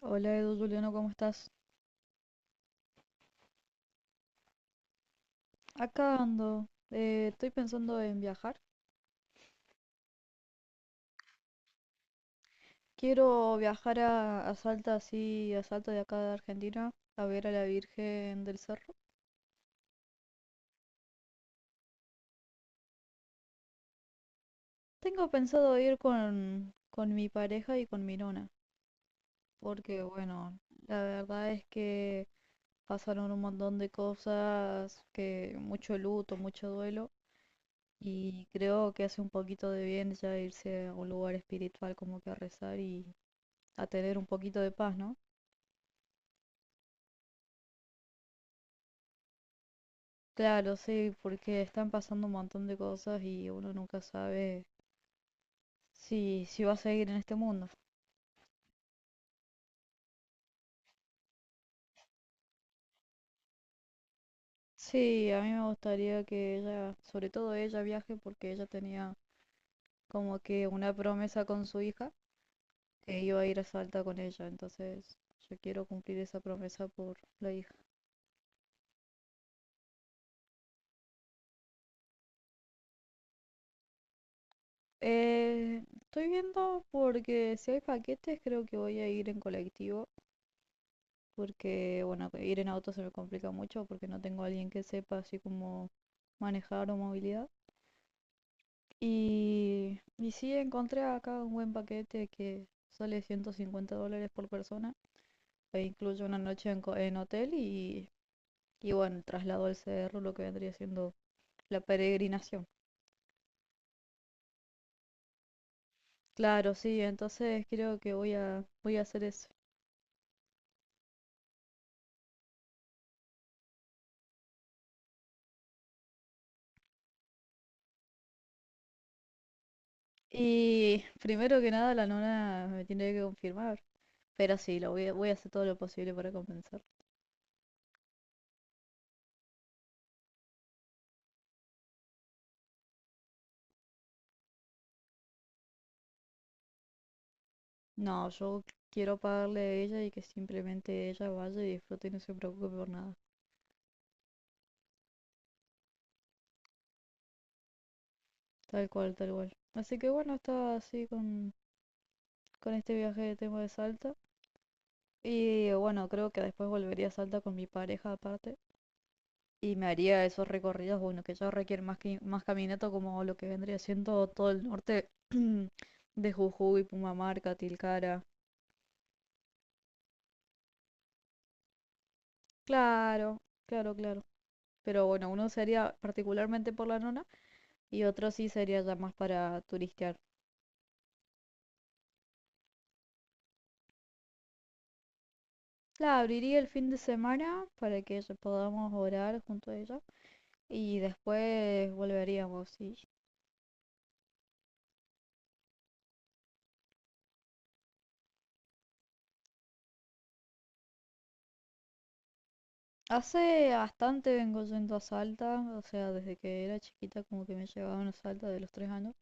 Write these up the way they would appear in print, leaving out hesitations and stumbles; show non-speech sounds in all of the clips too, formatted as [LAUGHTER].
Hola Edu Juliano, ¿cómo estás? Acá ando. Estoy pensando en viajar. Quiero viajar a Salta, así, a Salta de acá de Argentina, a ver a la Virgen del Cerro. Tengo pensado ir con mi pareja y con mi nona, porque bueno, la verdad es que pasaron un montón de cosas, que mucho luto, mucho duelo, y creo que hace un poquito de bien ya irse a un lugar espiritual como que a rezar y a tener un poquito de paz, ¿no? Claro, sí, porque están pasando un montón de cosas y uno nunca sabe si va a seguir en este mundo. Sí, a mí me gustaría que ella, sobre todo ella, viaje porque ella tenía como que una promesa con su hija que iba a ir a Salta con ella, entonces yo quiero cumplir esa promesa por la hija. Estoy viendo porque si hay paquetes creo que voy a ir en colectivo porque, bueno, ir en auto se me complica mucho porque no tengo a alguien que sepa así como manejar o movilidad. Y sí, encontré acá un buen paquete que sale 150 dólares por persona e incluye una noche en, en hotel y bueno, el traslado al cerro, lo que vendría siendo la peregrinación. Claro, sí, entonces creo que voy a hacer eso. Y primero que nada, la nona me tiene que confirmar, pero sí, voy a hacer todo lo posible para compensar. No, yo quiero pagarle a ella y que simplemente ella vaya y disfrute y no se preocupe por nada. Tal cual, tal cual. Así que bueno, estaba así con este viaje que tengo de Salta. Y bueno, creo que después volvería a Salta con mi pareja aparte. Y me haría esos recorridos, bueno, que ya requieren más, que, más caminata como lo que vendría siendo todo el norte [CLEARS THROAT] de Jujuy, Pumamarca, Tilcara. Claro, claro, claro. Pero bueno, uno sería particularmente por la nona y otro sí sería ya más para turistear. La abriría el fin de semana para que ya podamos orar junto a ella. Y después volveríamos, sí. Hace bastante vengo yendo a Salta, o sea, desde que era chiquita como que me llevaban a Salta de los 3 años.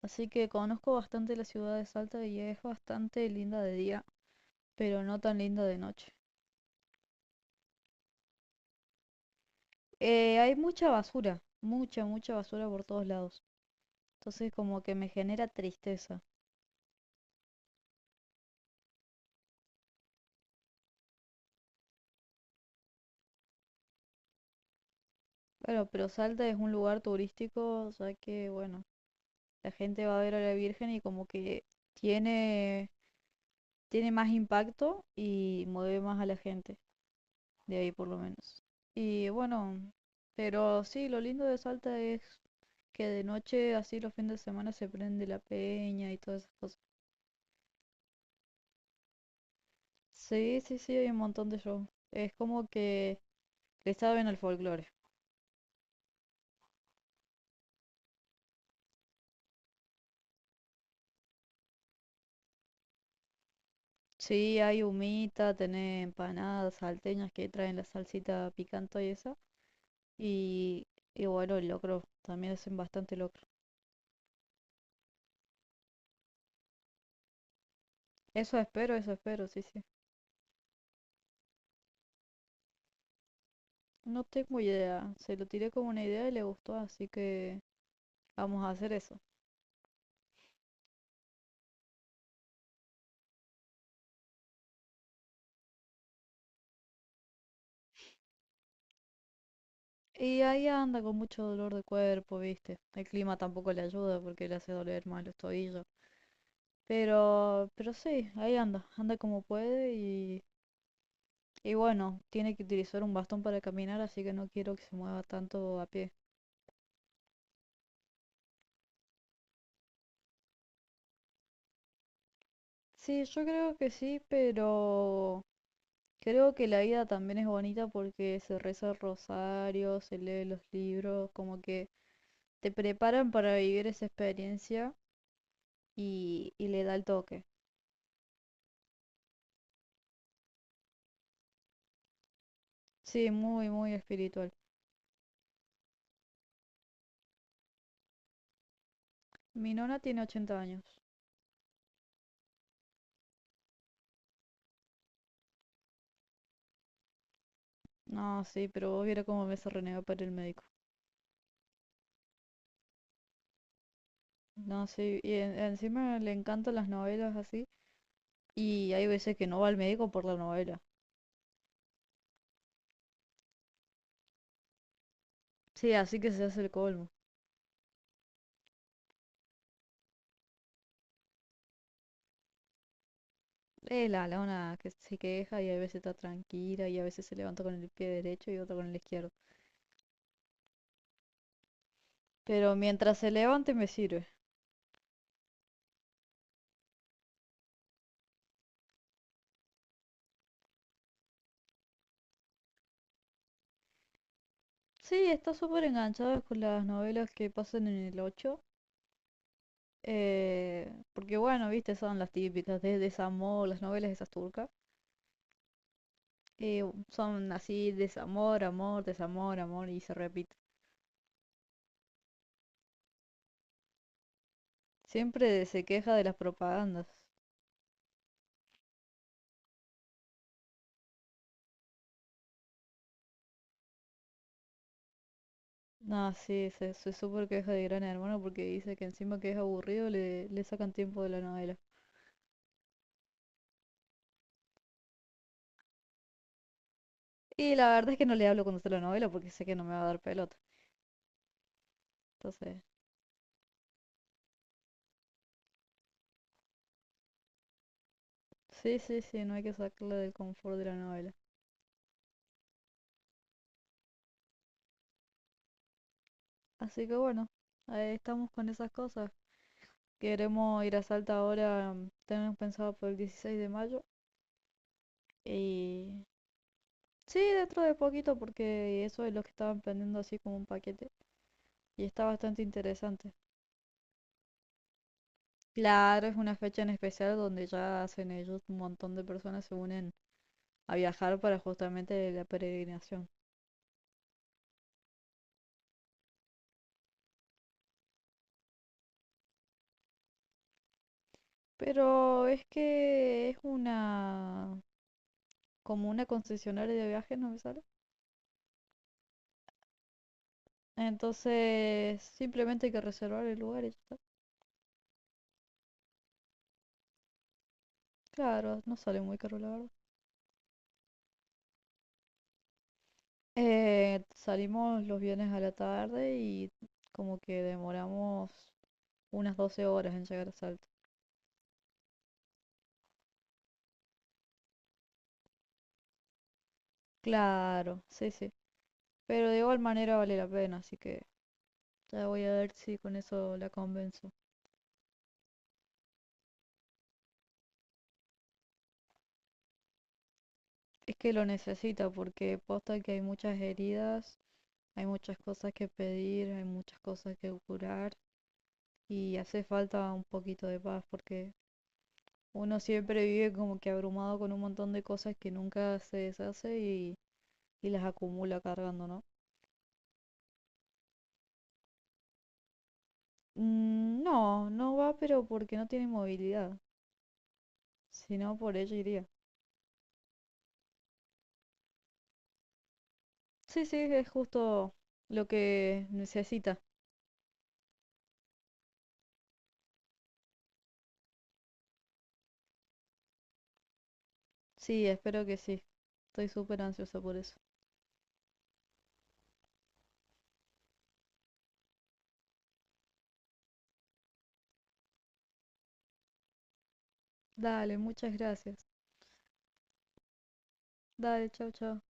Así que conozco bastante la ciudad de Salta y es bastante linda de día, pero no tan linda de noche. Hay mucha basura, mucha, mucha basura por todos lados. Entonces como que me genera tristeza. Bueno, pero Salta es un lugar turístico, o sea que, bueno, la gente va a ver a la Virgen y como que tiene tiene más impacto y mueve más a la gente, de ahí por lo menos. Y bueno, pero sí, lo lindo de Salta es que de noche, así los fines de semana, se prende la peña y todas esas cosas. Sí, sí, sí, hay un montón de shows. Es como que le saben al folclore. Sí, hay humita, tenés empanadas salteñas que traen la salsita picante y esa. Y, y bueno, el locro, también hacen bastante locro. Eso espero, sí, sí. No tengo idea, se lo tiré como una idea y le gustó, así que vamos a hacer eso. Y ahí anda con mucho dolor de cuerpo, viste. El clima tampoco le ayuda porque le hace doler más los tobillos. Pero sí, ahí anda, anda como puede y bueno, tiene que utilizar un bastón para caminar, así que no quiero que se mueva tanto a pie. Sí, yo creo que sí, pero creo que la ida también es bonita porque se reza el rosario, se lee los libros, como que te preparan para vivir esa experiencia y le da el toque. Sí, muy, muy espiritual. Mi nona tiene 80 años. No, sí, pero vos viera cómo me se renegó para el médico. No, sí, y encima le encantan las novelas así. Y hay veces que no va al médico por la novela. Sí, así que se hace el colmo. Es la lona que se queja y a veces está tranquila y a veces se levanta con el pie derecho y otra con el izquierdo. Pero mientras se levante me sirve. Sí, está súper enganchado con las novelas que pasan en el 8. Porque bueno, viste, son las típicas de desamor, las novelas esas turcas. eh, Son así, desamor, amor, y se repite. Siempre se queja de las propagandas. No, sí, se súper queja de Gran Hermano porque dice que encima que es aburrido le sacan tiempo de la novela. Y la verdad es que no le hablo cuando está la novela porque sé que no me va a dar pelota. Entonces, sí, sí, sí, no hay que sacarla del confort de la novela. Así que bueno, ahí estamos con esas cosas. Queremos ir a Salta ahora, tenemos pensado por el 16 de mayo. Y sí, dentro de poquito, porque eso es lo que estaban vendiendo así como un paquete. Y está bastante interesante. Claro, es una fecha en especial donde ya hacen ellos un montón de personas se unen a viajar para justamente la peregrinación. Pero es que es una como una concesionaria de viajes, no me sale. Entonces, simplemente hay que reservar el lugar y ya está. Claro, no sale muy caro, la verdad. Salimos los viernes a la tarde y como que demoramos unas 12 horas en llegar a Salta. Claro, sí, sí. Pero de igual manera vale la pena, así que ya voy a ver si con eso la convenzo. Es que lo necesita porque posta que hay muchas heridas, hay muchas cosas que pedir, hay muchas cosas que curar y hace falta un poquito de paz porque uno siempre vive como que abrumado con un montón de cosas que nunca se deshace y las acumula cargando, ¿no? No, no va, pero porque no tiene movilidad. Si no, por ella iría. Sí, sí, es justo lo que necesita. Sí, espero que sí. Estoy súper ansiosa por eso. Dale, muchas gracias. Dale, chau, chau.